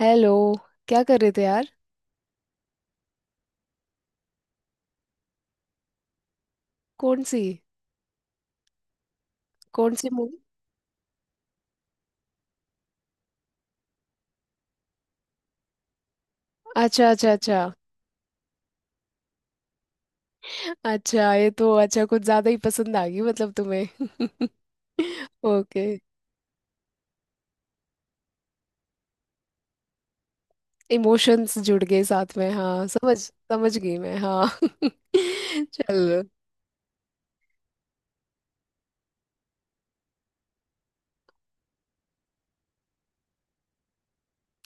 Hello. क्या कर रहे थे यार। कौन सी? कौन सी मूवी? अच्छा, अच्छा, अच्छा। अच्छा, ये तो अच्छा, कुछ ज्यादा ही पसंद आ गई मतलब तुम्हें? ओके। इमोशंस जुड़ गए साथ में, हाँ, समझ समझ गई मैं, हाँ। चलो।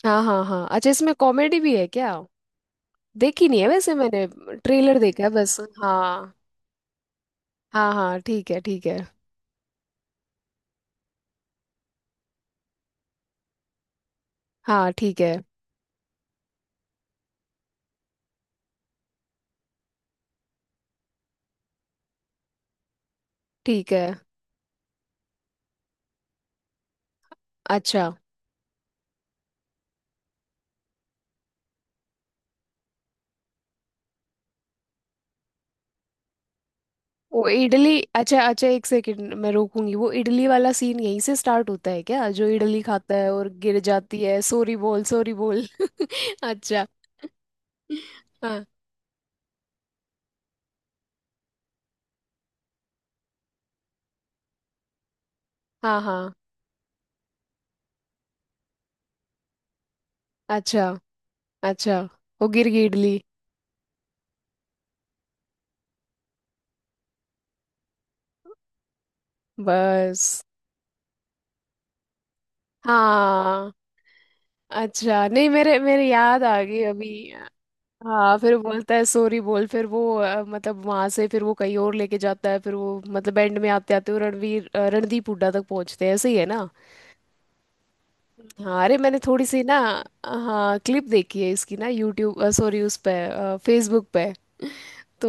हाँ, हाँ, हाँ, अच्छा इसमें कॉमेडी भी है क्या? देखी नहीं है वैसे मैंने। ट्रेलर देखा है बस। हाँ, हाँ, हाँ, ठीक है, ठीक है। हाँ, ठीक है, ठीक है। अच्छा, वो इडली, अच्छा, अच्छा, एक सेकंड मैं रोकूंगी। वो इडली वाला सीन यहीं से स्टार्ट होता है क्या, जो इडली खाता है और गिर जाती है? सॉरी बोल, सॉरी बोल। अच्छा। हाँ, हाँ, हाँ। अच्छा, अच्छा, वो गिर गई इडली, बस। हाँ, अच्छा, नहीं मेरे मेरे याद आ गई अभी। हाँ फिर बोलता है सॉरी बोल, फिर वो, मतलब वहां से फिर वो कहीं और लेके जाता है, फिर वो मतलब एंड में आते आते वो रणदीप हुड्डा तक पहुंचते हैं, ऐसे ही है ना? हाँ, अरे मैंने थोड़ी सी ना। हाँ, क्लिप देखी है इसकी ना, यूट्यूब, सॉरी, उस पे, फेसबुक पे तो।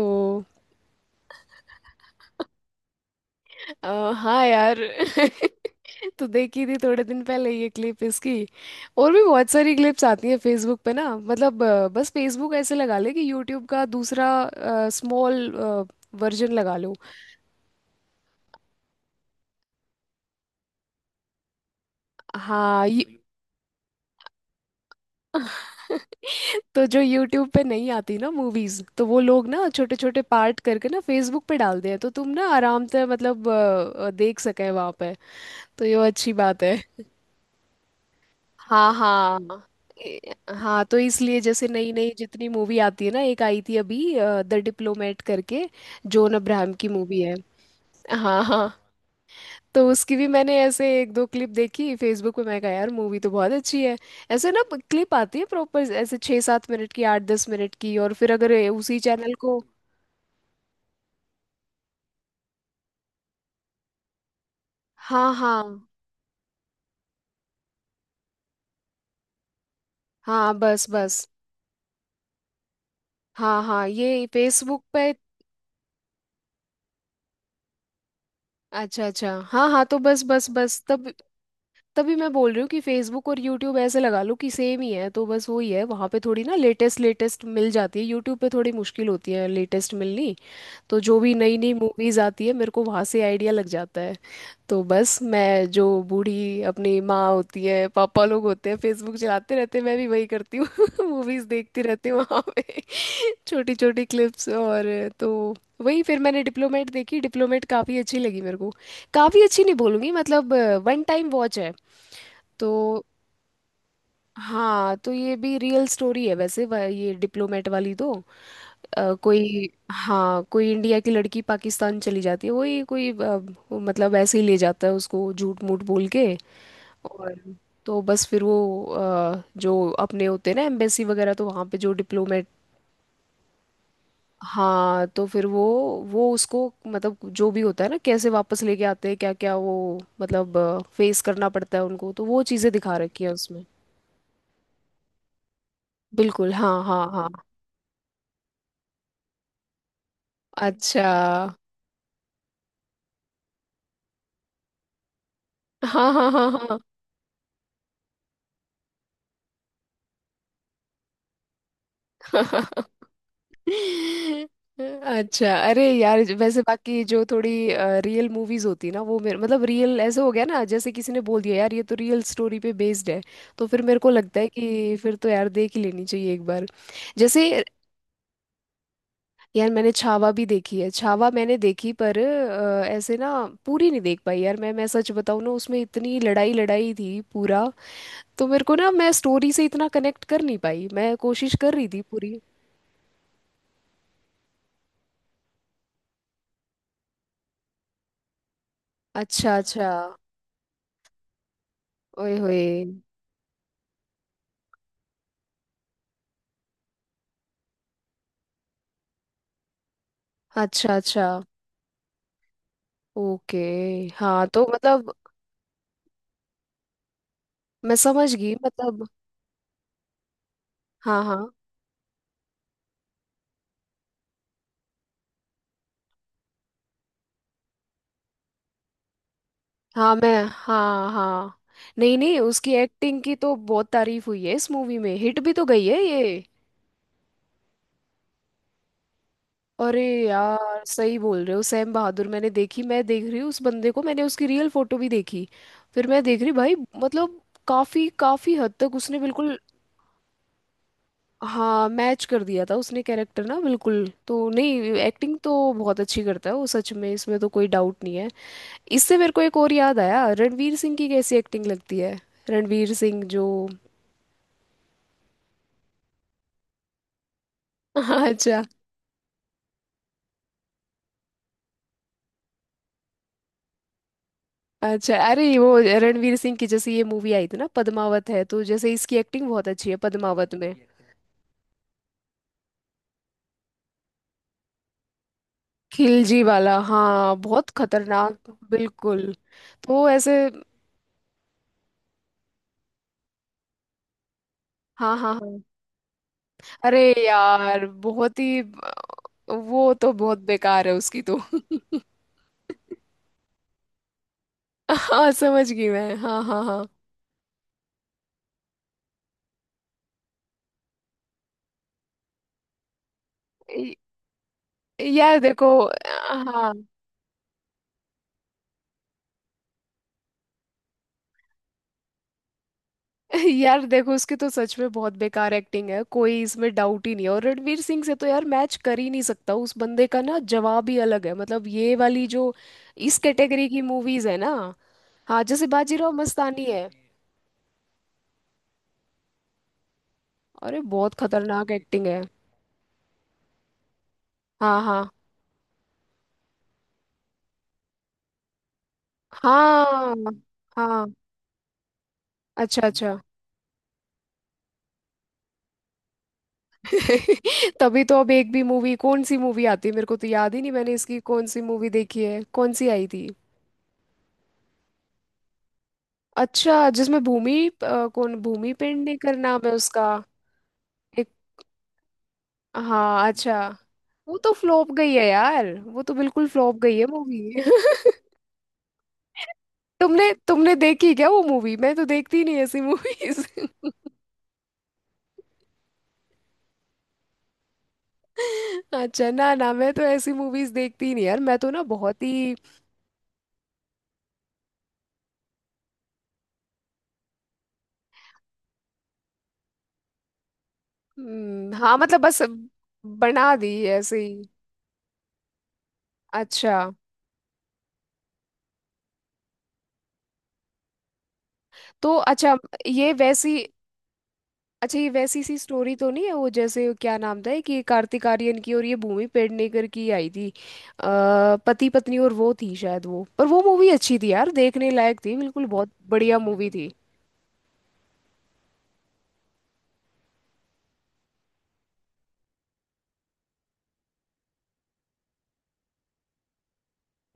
हाँ यार। तो देखी थी थोड़े दिन पहले ये क्लिप इसकी। और भी बहुत सारी क्लिप्स आती हैं फेसबुक पे ना मतलब, बस फेसबुक ऐसे लगा ले कि यूट्यूब का दूसरा, स्मॉल वर्जन लगा लो। हाँ ये। तो जो यूट्यूब पे नहीं आती ना मूवीज, तो वो लोग ना छोटे छोटे पार्ट करके ना फेसबुक पे डालते हैं, तो तुम ना आराम से मतलब देख सके वहां पे। तो ये अच्छी बात है। हाँ, हाँ। ए- हाँ तो इसलिए जैसे नई नई जितनी मूवी आती है ना, एक आई थी अभी द डिप्लोमेट करके। जॉन अब्राहम की मूवी है। हाँ, हाँ। तो उसकी भी मैंने ऐसे एक दो क्लिप देखी फेसबुक पे, मैं कहा यार मूवी तो बहुत अच्छी है। ऐसे ना क्लिप आती है प्रॉपर, ऐसे छः सात मिनट की, आठ दस मिनट की, और फिर अगर ये उसी चैनल को। हाँ, हाँ, हाँ, बस, बस। हाँ, हाँ, ये फेसबुक पे। अच्छा, अच्छा, हाँ, हाँ, तो बस, बस, बस, तब। तभी मैं बोल रही हूँ कि फेसबुक और यूट्यूब ऐसे लगा लो कि सेम ही है, तो बस वही है, वहाँ पे थोड़ी ना लेटेस्ट लेटेस्ट मिल जाती है, यूट्यूब पे थोड़ी मुश्किल होती है लेटेस्ट मिलनी। तो जो भी नई नई मूवीज आती है, मेरे को वहाँ से आइडिया लग जाता है। तो बस मैं, जो बूढ़ी अपनी माँ होती है, पापा लोग होते हैं, फेसबुक चलाते रहते हैं, मैं भी वही करती हूँ। मूवीज देखती रहती हूँ वहाँ पे। छोटी छोटी क्लिप्स, और तो वही फिर मैंने डिप्लोमेट देखी, डिप्लोमेट काफ़ी अच्छी लगी मेरे को। काफ़ी अच्छी नहीं बोलूँगी मतलब। वन टाइम वॉच है तो। हाँ तो ये भी रियल स्टोरी है वैसे, ये डिप्लोमेट वाली तो। कोई, हाँ, कोई इंडिया की लड़की पाकिस्तान चली जाती है वही, कोई वो मतलब ऐसे ही ले जाता है उसको, झूठ मूठ बोल के, और, तो बस फिर वो जो अपने होते हैं ना एम्बेसी वगैरह, तो वहाँ पे जो डिप्लोमेट। हाँ तो फिर वो उसको मतलब जो भी होता है ना, कैसे वापस लेके आते हैं, क्या क्या वो मतलब फेस करना पड़ता है उनको, तो वो चीज़ें दिखा रखी है उसमें। बिल्कुल, हाँ, हाँ, हाँ। अच्छा, हाँ, हाँ, हाँ, हाँ। अच्छा, अरे यार वैसे बाकी जो थोड़ी रियल मूवीज होती है ना, वो मेरे मतलब रियल ऐसे हो गया ना, जैसे किसी ने बोल दिया यार ये तो रियल स्टोरी पे बेस्ड है। तो फिर मेरे को लगता है कि फिर तो यार देख ही लेनी चाहिए एक बार। जैसे यार मैंने छावा भी देखी है, छावा मैंने देखी पर, ऐसे ना पूरी नहीं देख पाई यार, मैं सच बताऊँ ना, उसमें इतनी लड़ाई लड़ाई थी पूरा। तो मेरे को ना, मैं स्टोरी से इतना कनेक्ट कर नहीं पाई, मैं कोशिश कर रही थी पूरी। अच्छा, अच्छा। ओए होए। अच्छा, अच्छा। ओके। हाँ तो मतलब, मैं समझ गई मतलब। हाँ, हाँ, हाँ, मैं, हाँ, हाँ। नहीं, नहीं, उसकी एक्टिंग की तो बहुत तारीफ हुई है इस मूवी में, हिट भी तो गई है ये। अरे यार सही बोल रहे हो, सैम बहादुर मैंने देखी, मैं देख रही हूँ उस बंदे को, मैंने उसकी रियल फोटो भी देखी। फिर मैं देख रही भाई, मतलब, काफी काफी हद तक उसने बिल्कुल। हाँ मैच कर दिया था उसने कैरेक्टर ना, बिल्कुल तो नहीं। एक्टिंग तो बहुत अच्छी करता है वो सच में, इसमें तो कोई डाउट नहीं है। इससे मेरे को एक और याद आया, रणवीर सिंह की कैसी एक्टिंग लगती है? रणवीर सिंह जो। अच्छा, अच्छा। अरे वो रणवीर सिंह की जैसे ये मूवी आई थी ना पद्मावत है, तो जैसे इसकी एक्टिंग बहुत अच्छी है पद्मावत में। खिलजी वाला, हाँ, बहुत खतरनाक बिल्कुल। तो ऐसे, हाँ, हाँ, हाँ, अरे यार बहुत ही, वो तो बहुत बेकार है उसकी तो। हाँ समझ गई मैं, हाँ, हाँ, हाँ, य- यार देखो। हाँ यार देखो, उसकी तो सच में बहुत बेकार एक्टिंग है, कोई इसमें डाउट ही नहीं है, और रणवीर सिंह से तो यार मैच कर ही नहीं सकता उस बंदे का, ना जवाब ही अलग है मतलब, ये वाली जो इस कैटेगरी की मूवीज है ना। हाँ जैसे बाजीराव मस्तानी है। अरे बहुत खतरनाक एक्टिंग है। हाँ, हाँ, हाँ, हाँ, अच्छा, अच्छा। तभी तो, अब एक भी मूवी कौन सी मूवी आती है मेरे को तो याद ही नहीं, मैंने इसकी कौन सी मूवी देखी है, कौन सी आई थी। अच्छा जिसमें भूमि कौन, भूमि पेडनेकर करना है उसका। एक, हाँ, अच्छा, वो तो फ्लॉप गई है यार, वो तो बिल्कुल फ्लॉप गई है मूवी। तुमने तुमने देखी क्या वो मूवी? मैं तो देखती ही नहीं ऐसी मूवीज। अच्छा, ना, ना, मैं तो ऐसी मूवीज देखती ही नहीं यार, मैं तो ना बहुत ही। हाँ मतलब बस, बना दी ऐसे ही। अच्छा, तो अच्छा, ये वैसी अच्छा ये वैसी सी स्टोरी तो नहीं है वो, जैसे क्या नाम था कि कार्तिक आर्यन की और ये भूमि पेडनेकर की आई थी? पति पत्नी और वो थी शायद वो, पर वो मूवी अच्छी थी यार, देखने लायक थी बिल्कुल, बहुत बढ़िया मूवी थी।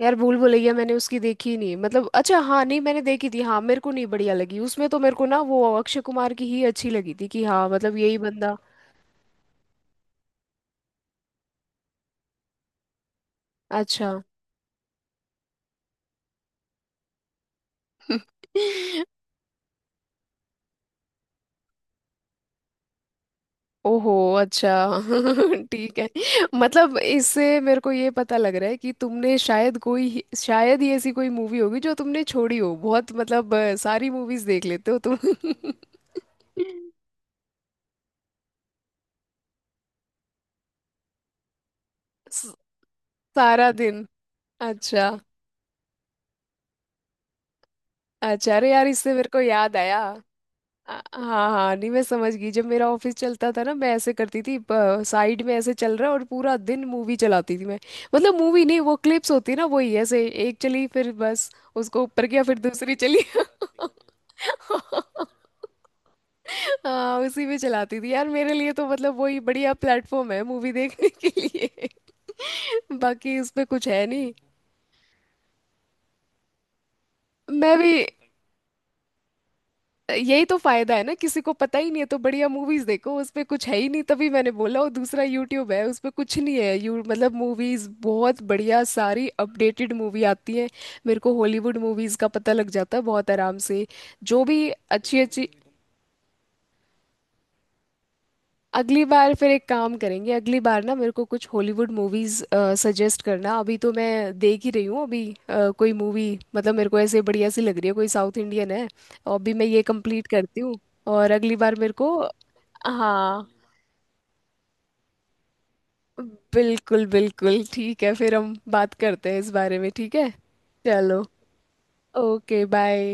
यार भूल भुलैया मैंने उसकी देखी ही नहीं मतलब, अच्छा, हाँ, नहीं मैंने देखी थी, हाँ मेरे को नहीं बढ़िया लगी उसमें, तो मेरे को ना वो अक्षय कुमार की ही अच्छी लगी थी कि हाँ मतलब यही बंदा। अच्छा। ओहो, अच्छा। ठीक है मतलब, इससे मेरे को ये पता लग रहा है कि तुमने शायद शायद ही ऐसी कोई मूवी होगी जो तुमने छोड़ी हो, बहुत मतलब सारी मूवीज देख लेते हो तुम। स- सारा दिन। अच्छा, अच्छा, अरे यार, इससे मेरे को याद आया। हाँ, हाँ, नहीं मैं समझ गई, जब मेरा ऑफिस चलता था ना मैं ऐसे करती थी। साइड में ऐसे चल रहा है और पूरा दिन मूवी चलाती थी मैं। मतलब मूवी नहीं, वो क्लिप्स होती है ना वही, ऐसे एक चली फिर बस उसको ऊपर किया, फिर दूसरी चली। हाँ उसी में चलाती थी यार, मेरे लिए तो मतलब वही बढ़िया प्लेटफॉर्म है मूवी देखने के लिए। बाकी उस पे कुछ है नहीं। मैं भी, यही तो फायदा है ना, किसी को पता ही नहीं है तो बढ़िया मूवीज देखो, उस पे कुछ है ही नहीं, तभी मैंने बोला, और दूसरा यूट्यूब है, उस पे कुछ नहीं है यू मतलब, मूवीज बहुत बढ़िया सारी अपडेटेड मूवी आती है। मेरे को हॉलीवुड मूवीज का पता लग जाता है बहुत आराम से, जो भी अच्छी अच्छी। अगली बार फिर एक काम करेंगे, अगली बार ना मेरे को कुछ हॉलीवुड मूवीज सजेस्ट करना, अभी तो मैं देख ही रही हूँ अभी। कोई मूवी मतलब मेरे को ऐसे बढ़िया सी लग रही है, कोई साउथ इंडियन है। अभी मैं ये कंप्लीट करती हूँ, और अगली बार मेरे को। हाँ बिल्कुल, बिल्कुल, ठीक है फिर हम बात करते हैं इस बारे में, ठीक है। चलो, ओके, बाय।